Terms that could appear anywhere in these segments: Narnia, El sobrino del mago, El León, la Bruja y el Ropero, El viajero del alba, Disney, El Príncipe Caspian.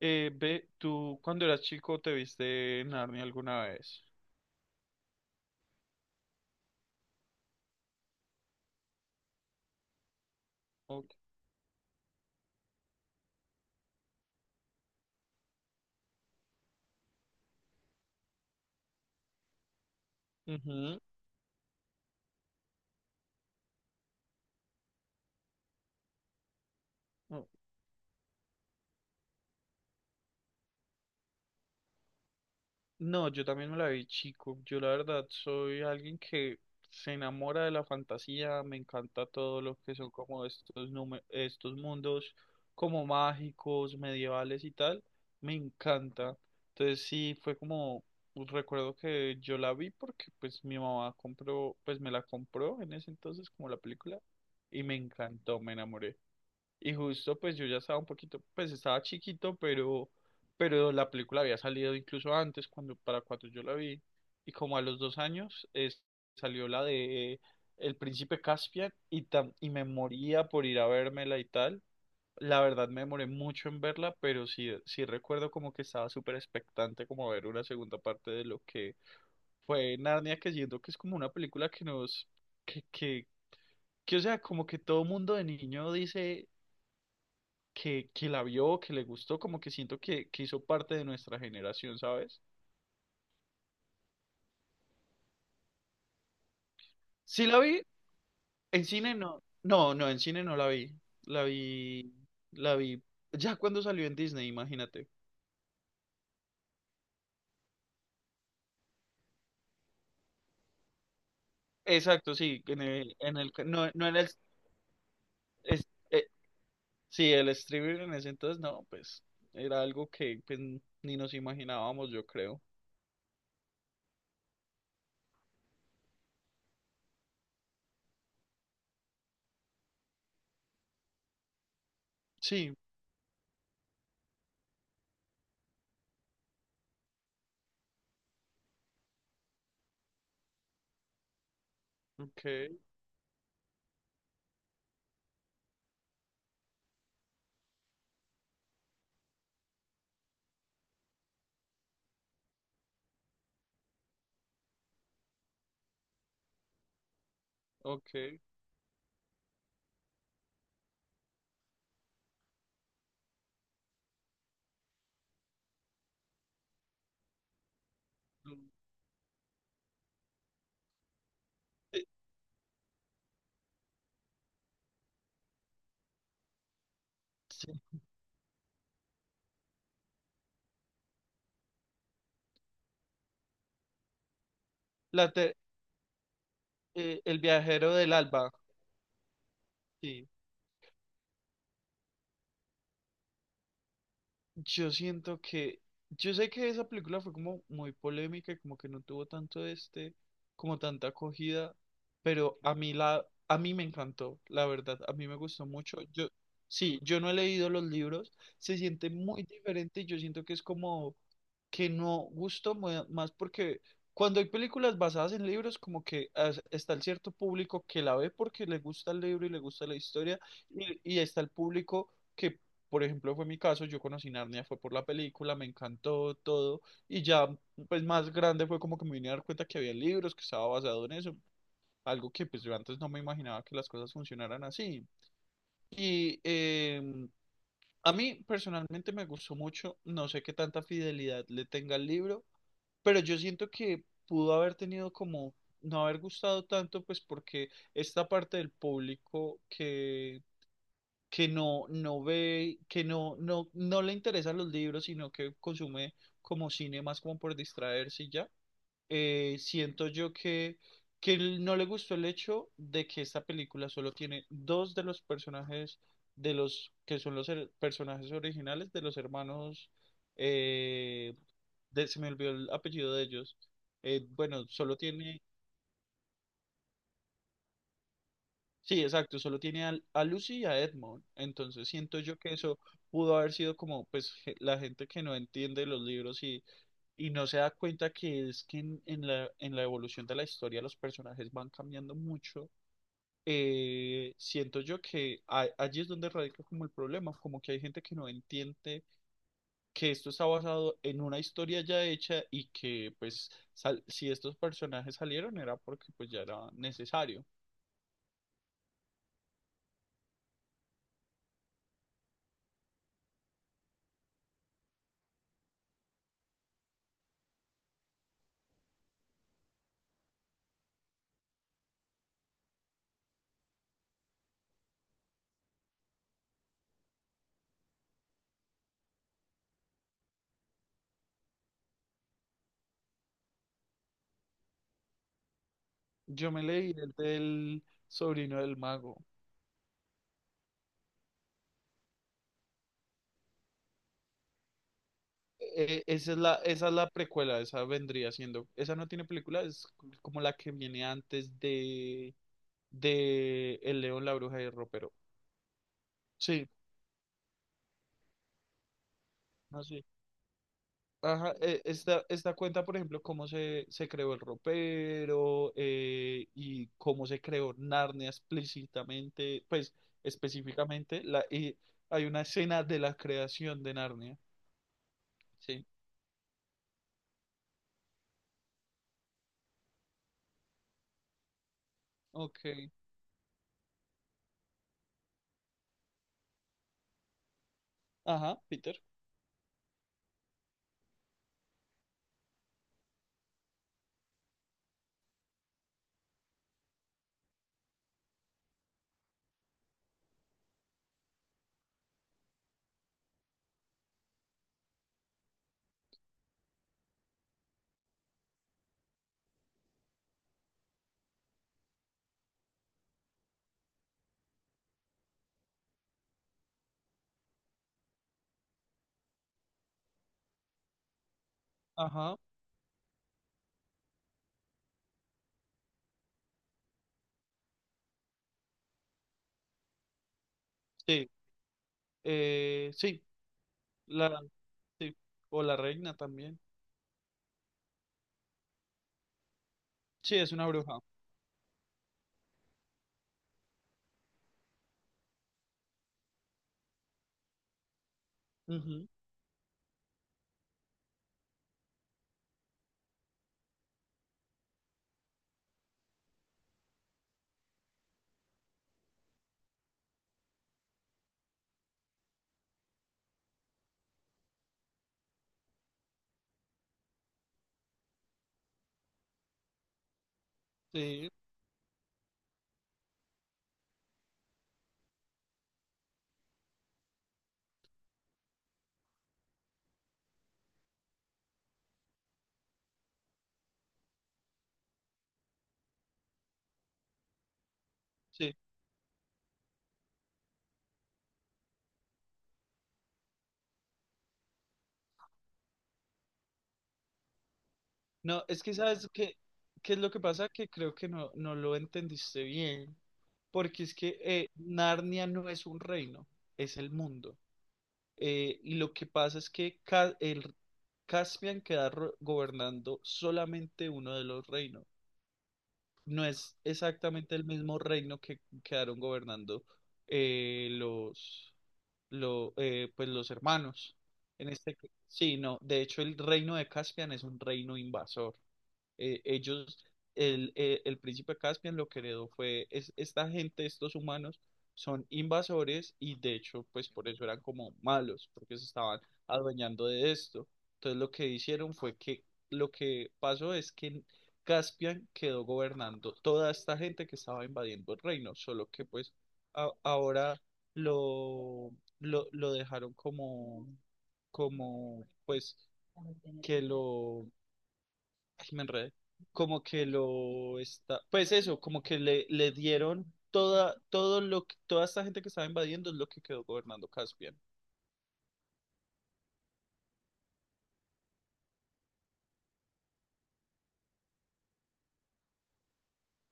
Ve, ¿tú cuando eras chico te viste Narnia alguna vez? Ok. Ujú. No, no, yo también me la vi chico. Yo la verdad soy alguien que se enamora de la fantasía, me encanta todo lo que son como estos, estos mundos como mágicos, medievales y tal, me encanta. Entonces sí, fue como, recuerdo que yo la vi porque pues mi mamá compró, pues me la compró en ese entonces como la película y me encantó, me enamoré. Y justo pues yo ya estaba un poquito, pues estaba chiquito, pero la película había salido incluso antes, cuando, para cuando yo la vi. Y como a los dos años salió la de El Príncipe Caspian y, y me moría por ir a vérmela y tal. La verdad me demoré mucho en verla, pero sí, sí recuerdo como que estaba súper expectante como ver una segunda parte de lo que fue Narnia, que siento que es como una película que nos, que, que, que o sea, como que todo mundo de niño dice que la vio, que le gustó, como que siento que hizo parte de nuestra generación, ¿sabes? Sí la vi, en cine no, no, no, en cine no la vi, la vi, la vi ya cuando salió en Disney, imagínate. Exacto, sí, en el, no, no en el, es- eh, sí, el streaming en ese entonces, no, pues, era algo que pues, ni nos imaginábamos, yo creo. Sí, ok, ok. Mm, eh, Sí. La te- el viajero del alba, sí. Yo siento que, yo sé que esa película fue como muy polémica y como que no tuvo tanto este, como tanta acogida, pero a mí la, a mí me encantó, la verdad, a mí me gustó mucho. Yo, sí, yo no he leído los libros, se siente muy diferente y yo siento que es como que no gusto más porque cuando hay películas basadas en libros, como que está el cierto público que la ve porque le gusta el libro y le gusta la historia, y está el público que, por ejemplo, fue mi caso, yo conocí Narnia, fue por la película, me encantó todo, y ya pues más grande fue como que me vine a dar cuenta que había libros, que estaba basado en eso, algo que pues yo antes no me imaginaba que las cosas funcionaran así. Y em, a mí personalmente me gustó mucho, no sé qué tanta fidelidad le tenga el libro pero yo siento que pudo haber tenido como no haber gustado tanto, pues porque esta parte del público que no, no ve, que no, no, no le interesan los libros, sino que consume como cine más como por distraerse y ya siento yo que él no le gustó el hecho de que esta película solo tiene dos de los personajes de los que son los personajes originales de los hermanos eh, se me olvidó el apellido de ellos. Bueno, solo tiene, sí, exacto, solo tiene a Lucy y a Edmond. Entonces siento yo que eso pudo haber sido como pues la gente que no entiende los libros y no se da cuenta que es que en la evolución de la historia los personajes van cambiando mucho. Siento yo que allí es donde radica como el problema, como que hay gente que no entiende que esto está basado en una historia ya hecha y que pues si estos personajes salieron era porque pues ya era necesario. Yo me leí el del sobrino del mago. Esa es la precuela, esa vendría siendo, esa no tiene película, es como la que viene antes de El León, la Bruja y el Ropero. Sí, así. Ajá, esta, esta cuenta, por ejemplo, cómo se, se creó el ropero y cómo se creó Narnia explícitamente, pues específicamente, la, y hay una escena de la creación de Narnia. Sí, ok. Ajá, Peter. Ajá, sí. Sí, la, sí. O la reina también. Sí, es una bruja. Ujú, sí, sí. No, es que sabes qué, qué es lo que pasa, que creo que no, no lo entendiste bien, porque es que Narnia no es un reino, es el mundo. Y lo que pasa es que el Caspian queda gobernando solamente uno de los reinos. No es exactamente el mismo reino que quedaron gobernando eh, los, pues los hermanos. En este, sí, no, de hecho el reino de Caspian es un reino invasor eh, ellos, el príncipe Caspian lo que heredó fue, es, esta gente, estos humanos, son invasores y de hecho, pues por eso eran como malos, porque se estaban adueñando de esto. Entonces lo que hicieron fue que lo que pasó es que Caspian quedó gobernando toda esta gente que estaba invadiendo el reino, solo que pues ahora lo, lo dejaron como, como pues que lo Ay, me enredé. Como que lo está. Pues eso, como que le dieron toda, todo lo que, toda esta gente que estaba invadiendo es lo que quedó gobernando Caspian.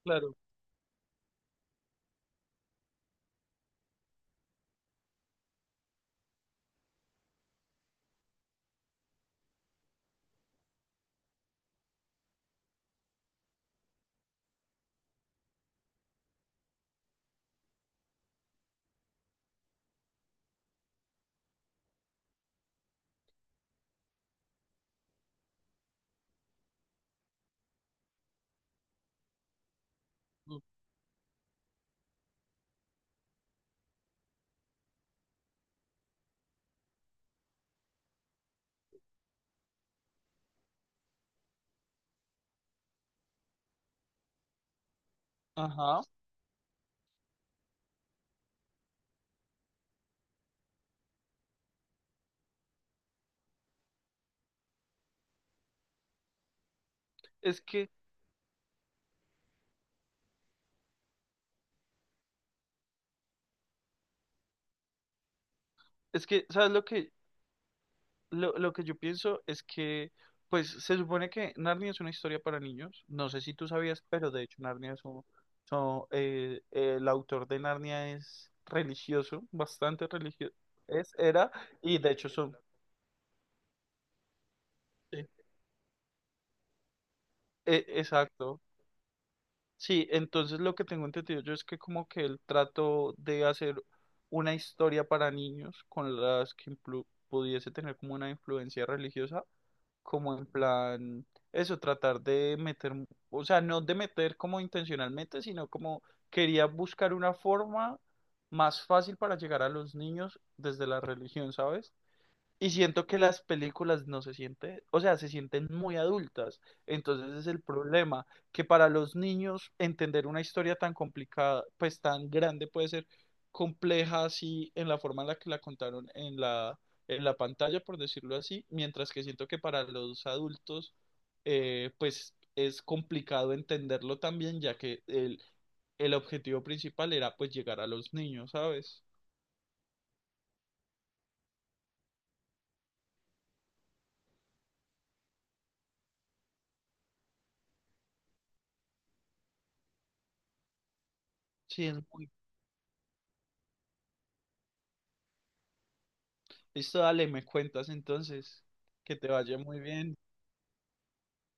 Claro. Mm. Ajá. Es que, es que, ¿sabes lo que, lo que yo pienso? Es que, pues, se supone que Narnia es una historia para niños. No sé si tú sabías, pero de hecho Narnia es un, son, el autor de Narnia es religioso, bastante religioso. Es, era, y de hecho son, eh, exacto. Sí, entonces lo que tengo entendido yo es que como que él trató de hacer una historia para niños con las que pudiese tener como una influencia religiosa, como en plan, eso, tratar de meter, o sea, no de meter como intencionalmente, sino como quería buscar una forma más fácil para llegar a los niños desde la religión, ¿sabes? Y siento que las películas no se sienten, o sea, se sienten muy adultas. Entonces es el problema, que para los niños entender una historia tan complicada, pues tan grande, puede ser compleja así en la forma en la que la contaron en la pantalla, por decirlo así, mientras que siento que para los adultos, pues es complicado entenderlo también, ya que el objetivo principal era pues llegar a los niños, ¿sabes? Sí, es muy Listo, dale, me cuentas entonces. Que te vaya muy bien.